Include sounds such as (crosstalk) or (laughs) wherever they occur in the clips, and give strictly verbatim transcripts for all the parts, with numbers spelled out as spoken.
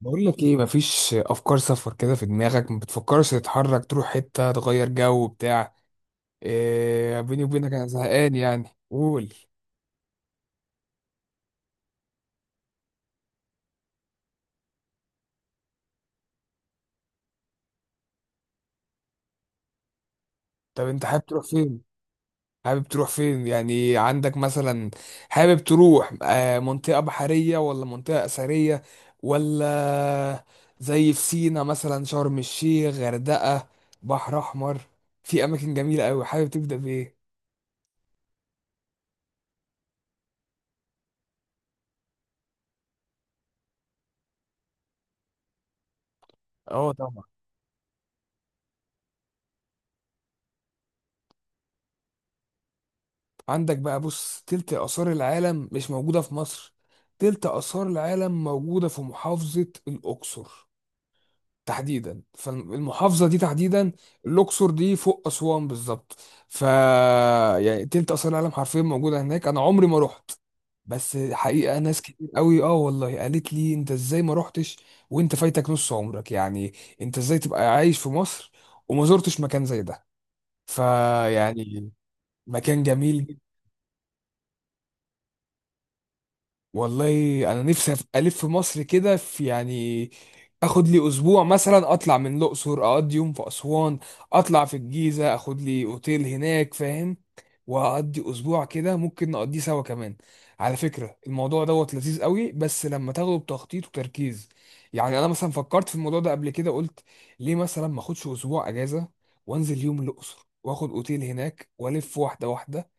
بقول لك ايه؟ مفيش افكار سفر كده في دماغك؟ ما بتفكرش تتحرك تروح حته تغير جو بتاع إيه؟ بيني وبينك انا زهقان يعني قول. طب انت حابب تروح فين؟ حابب تروح فين يعني؟ عندك مثلا حابب تروح آه منطقه بحريه ولا منطقه اثريه ولا زي في سينا مثلا، شرم الشيخ، غردقه، بحر احمر، في اماكن جميله قوي. حابب تبدا بايه؟ اه طبعا. عندك بقى، بص، تلت آثار العالم مش موجودة في مصر؟ تلت آثار العالم موجودة في محافظة الأقصر تحديدا، فالمحافظة دي تحديدا، الأقصر دي فوق أسوان بالظبط. ف يعني تلت آثار العالم حرفيا موجودة هناك. أنا عمري ما رحت، بس حقيقة ناس كتير قوي اه والله قالت لي انت ازاي ما رحتش، وانت فايتك نص عمرك يعني. انت ازاي تبقى عايش في مصر وما زرتش مكان زي ده؟ فيعني مكان جميل. والله انا نفسي أف- الف في مصر كده، في يعني اخد لي اسبوع مثلا، اطلع من الاقصر، اقضي يوم في اسوان، اطلع في الجيزه، اخد لي اوتيل هناك، فاهم؟ واقضي اسبوع كده. ممكن نقضيه سوا كمان. على فكره، الموضوع دوت لذيذ قوي بس لما تاخده بتخطيط وتركيز. يعني انا مثلا فكرت في الموضوع ده قبل كده، قلت ليه مثلا ما اخدش اسبوع اجازه وانزل يوم الاقصر واخد اوتيل هناك والف واحده واحده.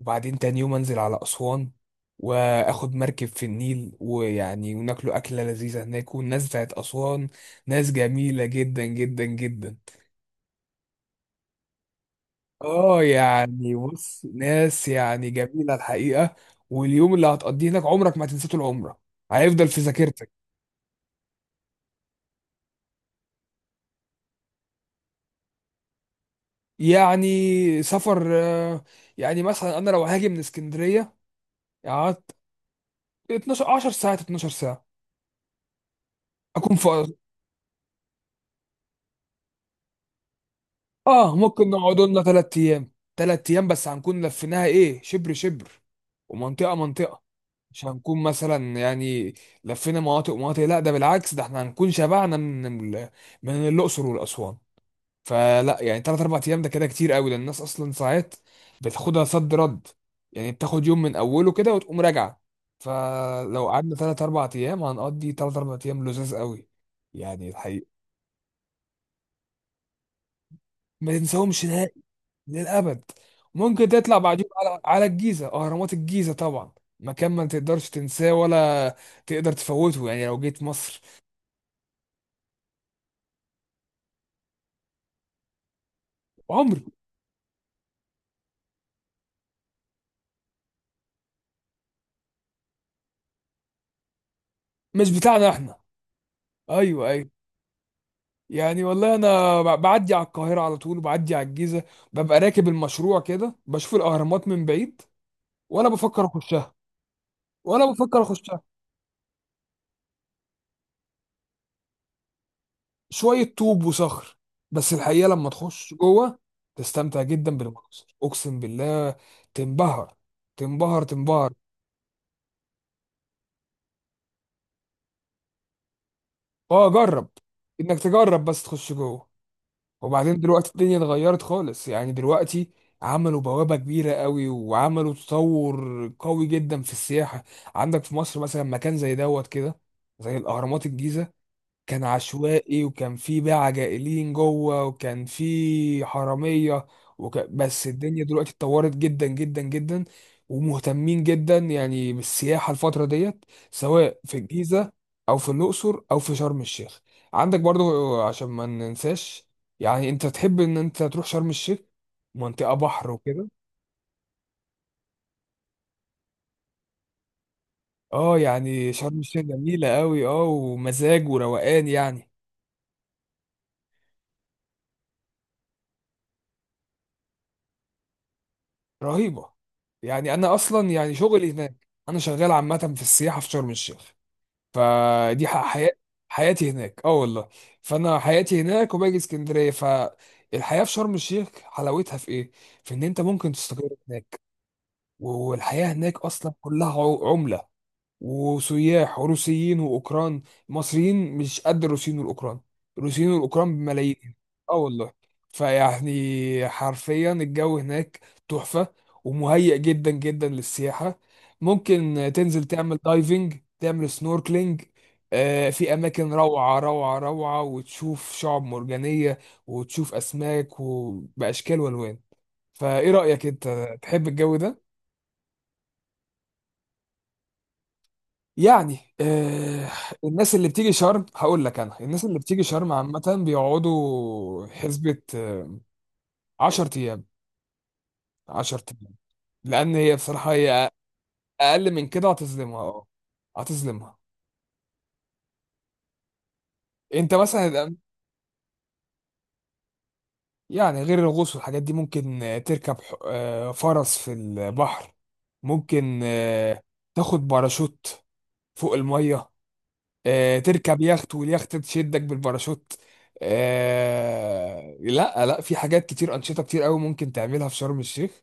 وبعدين تاني يوم انزل على اسوان، واخد مركب في النيل، ويعني وناكلوا اكله لذيذه هناك. والناس بتاعت اسوان ناس جميله جدا جدا جدا. اه يعني بص، ناس يعني جميله الحقيقه. واليوم اللي هتقضيه هناك عمرك ما هتنساه طول عمرك، هيفضل في ذاكرتك. يعني سفر، آه، يعني مثلا انا لو هاجي من اسكندريه، قعدت اتناشر عشرة ساعات، اتناشر ساعه اكون في. اه ممكن نقعد لنا ثلاث ايام. ثلاث ايام بس هنكون لفيناها ايه، شبر شبر ومنطقه منطقه. مش هنكون مثلا يعني لفينا مناطق ومناطق، لا ده بالعكس، ده احنا هنكون شبعنا من ال- من الاقصر والاسوان. فلا يعني ثلاث اربع ايام ده كده كتير قوي، ده الناس اصلا ساعات بتاخدها صد رد، يعني بتاخد يوم من اوله كده وتقوم راجعه. فلو قعدنا ثلاث اربع ايام هنقضي ثلاث اربع ايام لذاذ قوي، يعني الحقيقه ما ننساهمش للأبد. ممكن تطلع بعدين على على الجيزة، آه، أهرامات الجيزة طبعا. مكان ما تقدرش تنساه، ولا تقدر تفوته يعني لو جيت مصر. عمري مش بتاعنا احنا. أيوه أيوه. يعني والله أنا ب- بعدي على القاهرة على طول، وبعدي على الجيزة، ببقى راكب المشروع كده بشوف الأهرامات من بعيد، ولا بفكر أخشها ولا بفكر أخشها. شوية طوب وصخر، بس الحقيقة لما تخش جوه تستمتع جدا بالمنظر، أقسم بالله. تنبهر، تنبهر تنبهر. اه جرب، انك تجرب بس تخش جوه. وبعدين دلوقتي الدنيا اتغيرت خالص يعني، دلوقتي عملوا بوابة كبيرة قوي، وعملوا تطور قوي جدا في السياحة. عندك في مصر مثلا مكان زي دوت كده، زي الأهرامات الجيزة، كان عشوائي، وكان في بقى عجائلين جوه، وكان في حرامية، وك... بس الدنيا دلوقتي اتطورت جدا جدا جدا، ومهتمين جدا يعني بالسياحة الفترة ديت، سواء في الجيزة أو في الأقصر أو في شرم الشيخ. عندك برضو عشان ما ننساش، يعني أنت تحب إن أنت تروح شرم الشيخ، منطقة بحر وكده. اه يعني شرم الشيخ جميلة قوي، اه ومزاج وروقان يعني رهيبه. يعني انا اصلا يعني شغلي هناك، انا شغال عامه في السياحه في شرم الشيخ. فدي ح- حياتي، حياتي هناك اه والله. فانا حياتي هناك وباجي اسكندريه. فالحياه في شرم الشيخ حلاوتها في ايه؟ في ان انت ممكن تستقر هناك. والحياه هناك اصلا كلها عو- عمله وسياح، وروسيين واوكران. المصريين مش قد الروسيين والاوكران. الروسيين والاوكران بملايين، اه والله. فيعني حرفيا الجو هناك تحفة، ومهيئ جدا جدا للسياحة. ممكن تنزل تعمل دايفنج، تعمل سنوركلينج، آه، في أماكن روعة روعة روعة، وتشوف شعب مرجانية، وتشوف أسماك وبأشكال وألوان. فإيه رأيك أنت؟ تحب الجو ده؟ يعني آه. الناس اللي بتيجي شرم هقول لك، انا الناس اللي بتيجي شرم عامة بيقعدوا حسبة عشرة ايام، عشرة ايام، لان هي بصراحة هي اقل من كده هتظلمها، اه هتظلمها. انت مثلا. يعني غير الغوص والحاجات دي ممكن آه، تركب ح- آه، فرس في البحر، ممكن آه، تاخد باراشوت فوق المية، آه، تركب يخت واليخت تشدك بالباراشوت، آه، لا لا في حاجات كتير، أنشطة كتير قوي ممكن تعملها في شرم الشيخ،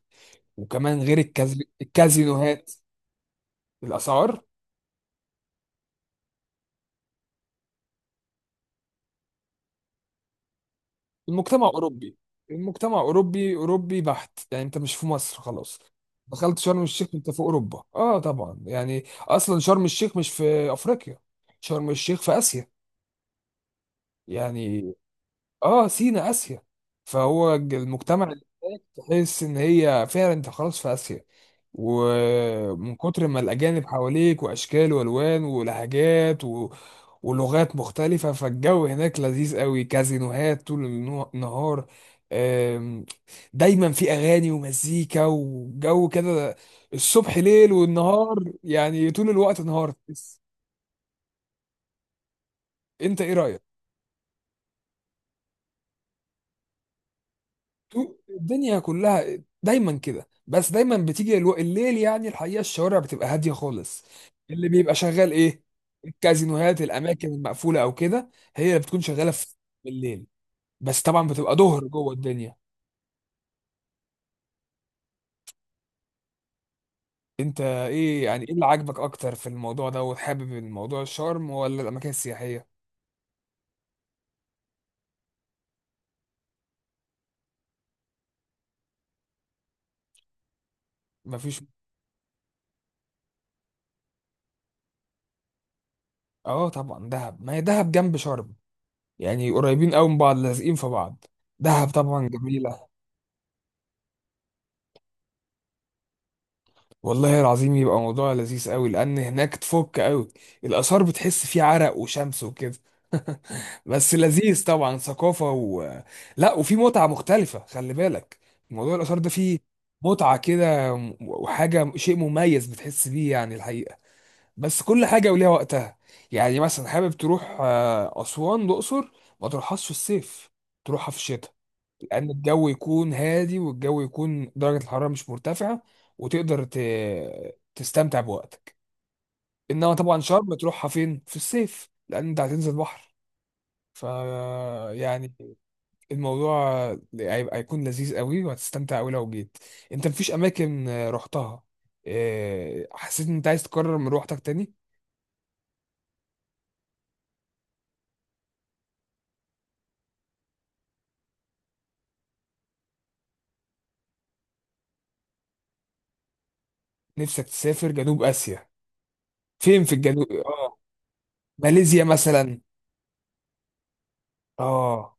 وكمان غير الكازي- الكازينوهات، الأسعار. المجتمع أوروبي، المجتمع أوروبي أوروبي بحت، يعني أنت مش في مصر خلاص. دخلت شرم الشيخ أنت في أوروبا، أه طبعا، يعني أصلا شرم الشيخ مش في أفريقيا، شرم الشيخ في آسيا يعني. أه سينا آسيا. فهو المجتمع اللي هناك تحس ان هي فعلا انت خلاص في اسيا. ومن كتر ما الأجانب حواليك وأشكال وألوان ولهجات و... ولغات مختلفة، فالجو هناك لذيذ قوي، كازينوهات طول النو- النهار، آم، دايما في أغاني ومزيكا وجو كده، الصبح ليل والنهار، يعني طول الوقت نهار. انت ايه رأيك؟ تو- الدنيا كلها دايما كده، بس دايما بتيجي الو- الليل، يعني الحقيقه الشوارع بتبقى هاديه خالص. اللي بيبقى شغال ايه؟ الكازينوهات، الاماكن المقفوله او كده، هي اللي بتكون شغاله في الليل. بس طبعا بتبقى ظهر جوه الدنيا. انت ايه يعني ايه اللي عاجبك اكتر في الموضوع ده، وحابب الموضوع الشرم ولا الاماكن السياحيه؟ مفيش. اه طبعا دهب، ما هي دهب جنب شرم، يعني قريبين قوي من بعض، لازقين في بعض. دهب طبعا جميله. والله العظيم يبقى موضوع لذيذ قوي، لان هناك تفك قوي. الاثار بتحس فيه عرق وشمس وكده. (laughs) بس لذيذ طبعا، ثقافه و... لا وفي متعه مختلفه، خلي بالك. موضوع الاثار ده فيه متعه كده، م- وحاجه شيء مميز بتحس بيه، يعني الحقيقه. بس كل حاجه وليها وقتها. يعني مثلا حابب تروح آه، اسوان الاقصر، ما تروحهاش في الصيف، تروحها في الشتاء، لان الجو يكون هادي، والجو يكون درجه الحراره مش مرتفعه، وتقدر ت... تستمتع بوقتك. انما طبعا شرم تروحها فين في الصيف، لان انت هتنزل بحر. ف يعني الموضوع هيبقى هيكون لذيذ قوي، وهتستمتع قوي لو جيت. انت مفيش اماكن رحتها، إيه، حسيت ان انت عايز تكرر من روحتك تاني؟ نفسك تسافر جنوب اسيا، فين في الجنوب؟ اه ماليزيا مثلا، اه،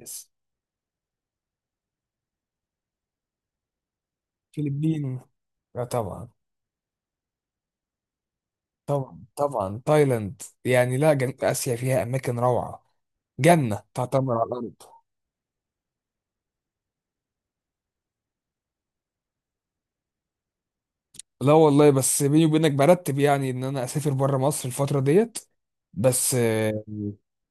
يس، فلبين، لا طبعا، طبعا طبعا تايلاند يعني. لا جنوب آسيا فيها أماكن روعة، جنة تعتمر على الأرض. لا والله، بس بيني وبينك برتب يعني إن أنا أسافر بره مصر الفترة ديت، بس آه،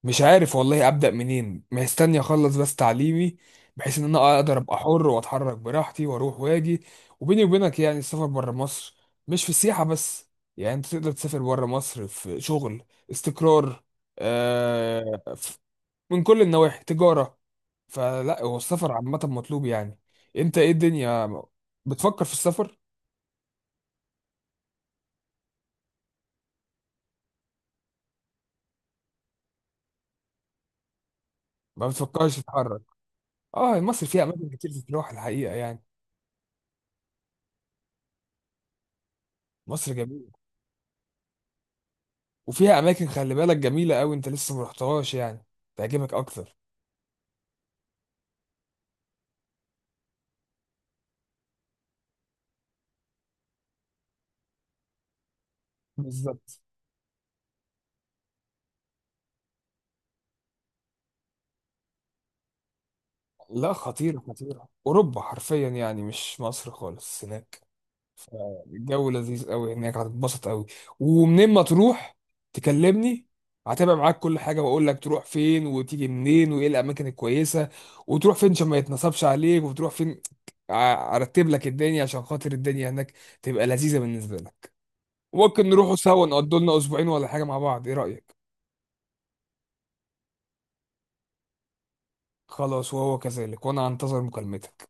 مش عارف والله أبدأ منين، مستني أخلص بس تعليمي، بحيث إن أنا أقدر أبقى حر وأتحرك براحتي وأروح وأجي. وبيني وبينك يعني السفر بره مصر مش في السياحة بس، يعني أنت تقدر تسافر بره مصر في شغل، استقرار، آه، من كل النواحي، تجارة. فلا هو السفر عامة مطلوب يعني. انت ايه الدنيا بتفكر في السفر؟ ما بتفكرش تتحرك؟ اه مصر فيها اماكن كتير تتروح الحقيقة يعني، مصر جميلة، وفيها اماكن خلي بالك جميلة قوي انت لسه ما رحتهاش، يعني تعجبك اكتر. بالظبط. لا خطيرة خطيرة، اوروبا حرفيا يعني، مش مصر خالص هناك. الجو لذيذ قوي هناك، هتتبسط قوي. ومنين ما تروح تكلمني، هتابع معاك كل حاجه، واقول لك تروح فين وتيجي منين وايه الاماكن الكويسه، وتروح فين عشان ما يتنصبش عليك، وتروح فين، ع- ارتب لك الدنيا، عشان خاطر الدنيا هناك تبقى لذيذه بالنسبه لك. ممكن نروحوا سوا نقضوا لنا اسبوعين ولا حاجه مع بعض، ايه رايك؟ خلاص وهو كذلك، وانا انتظر مكالمتك.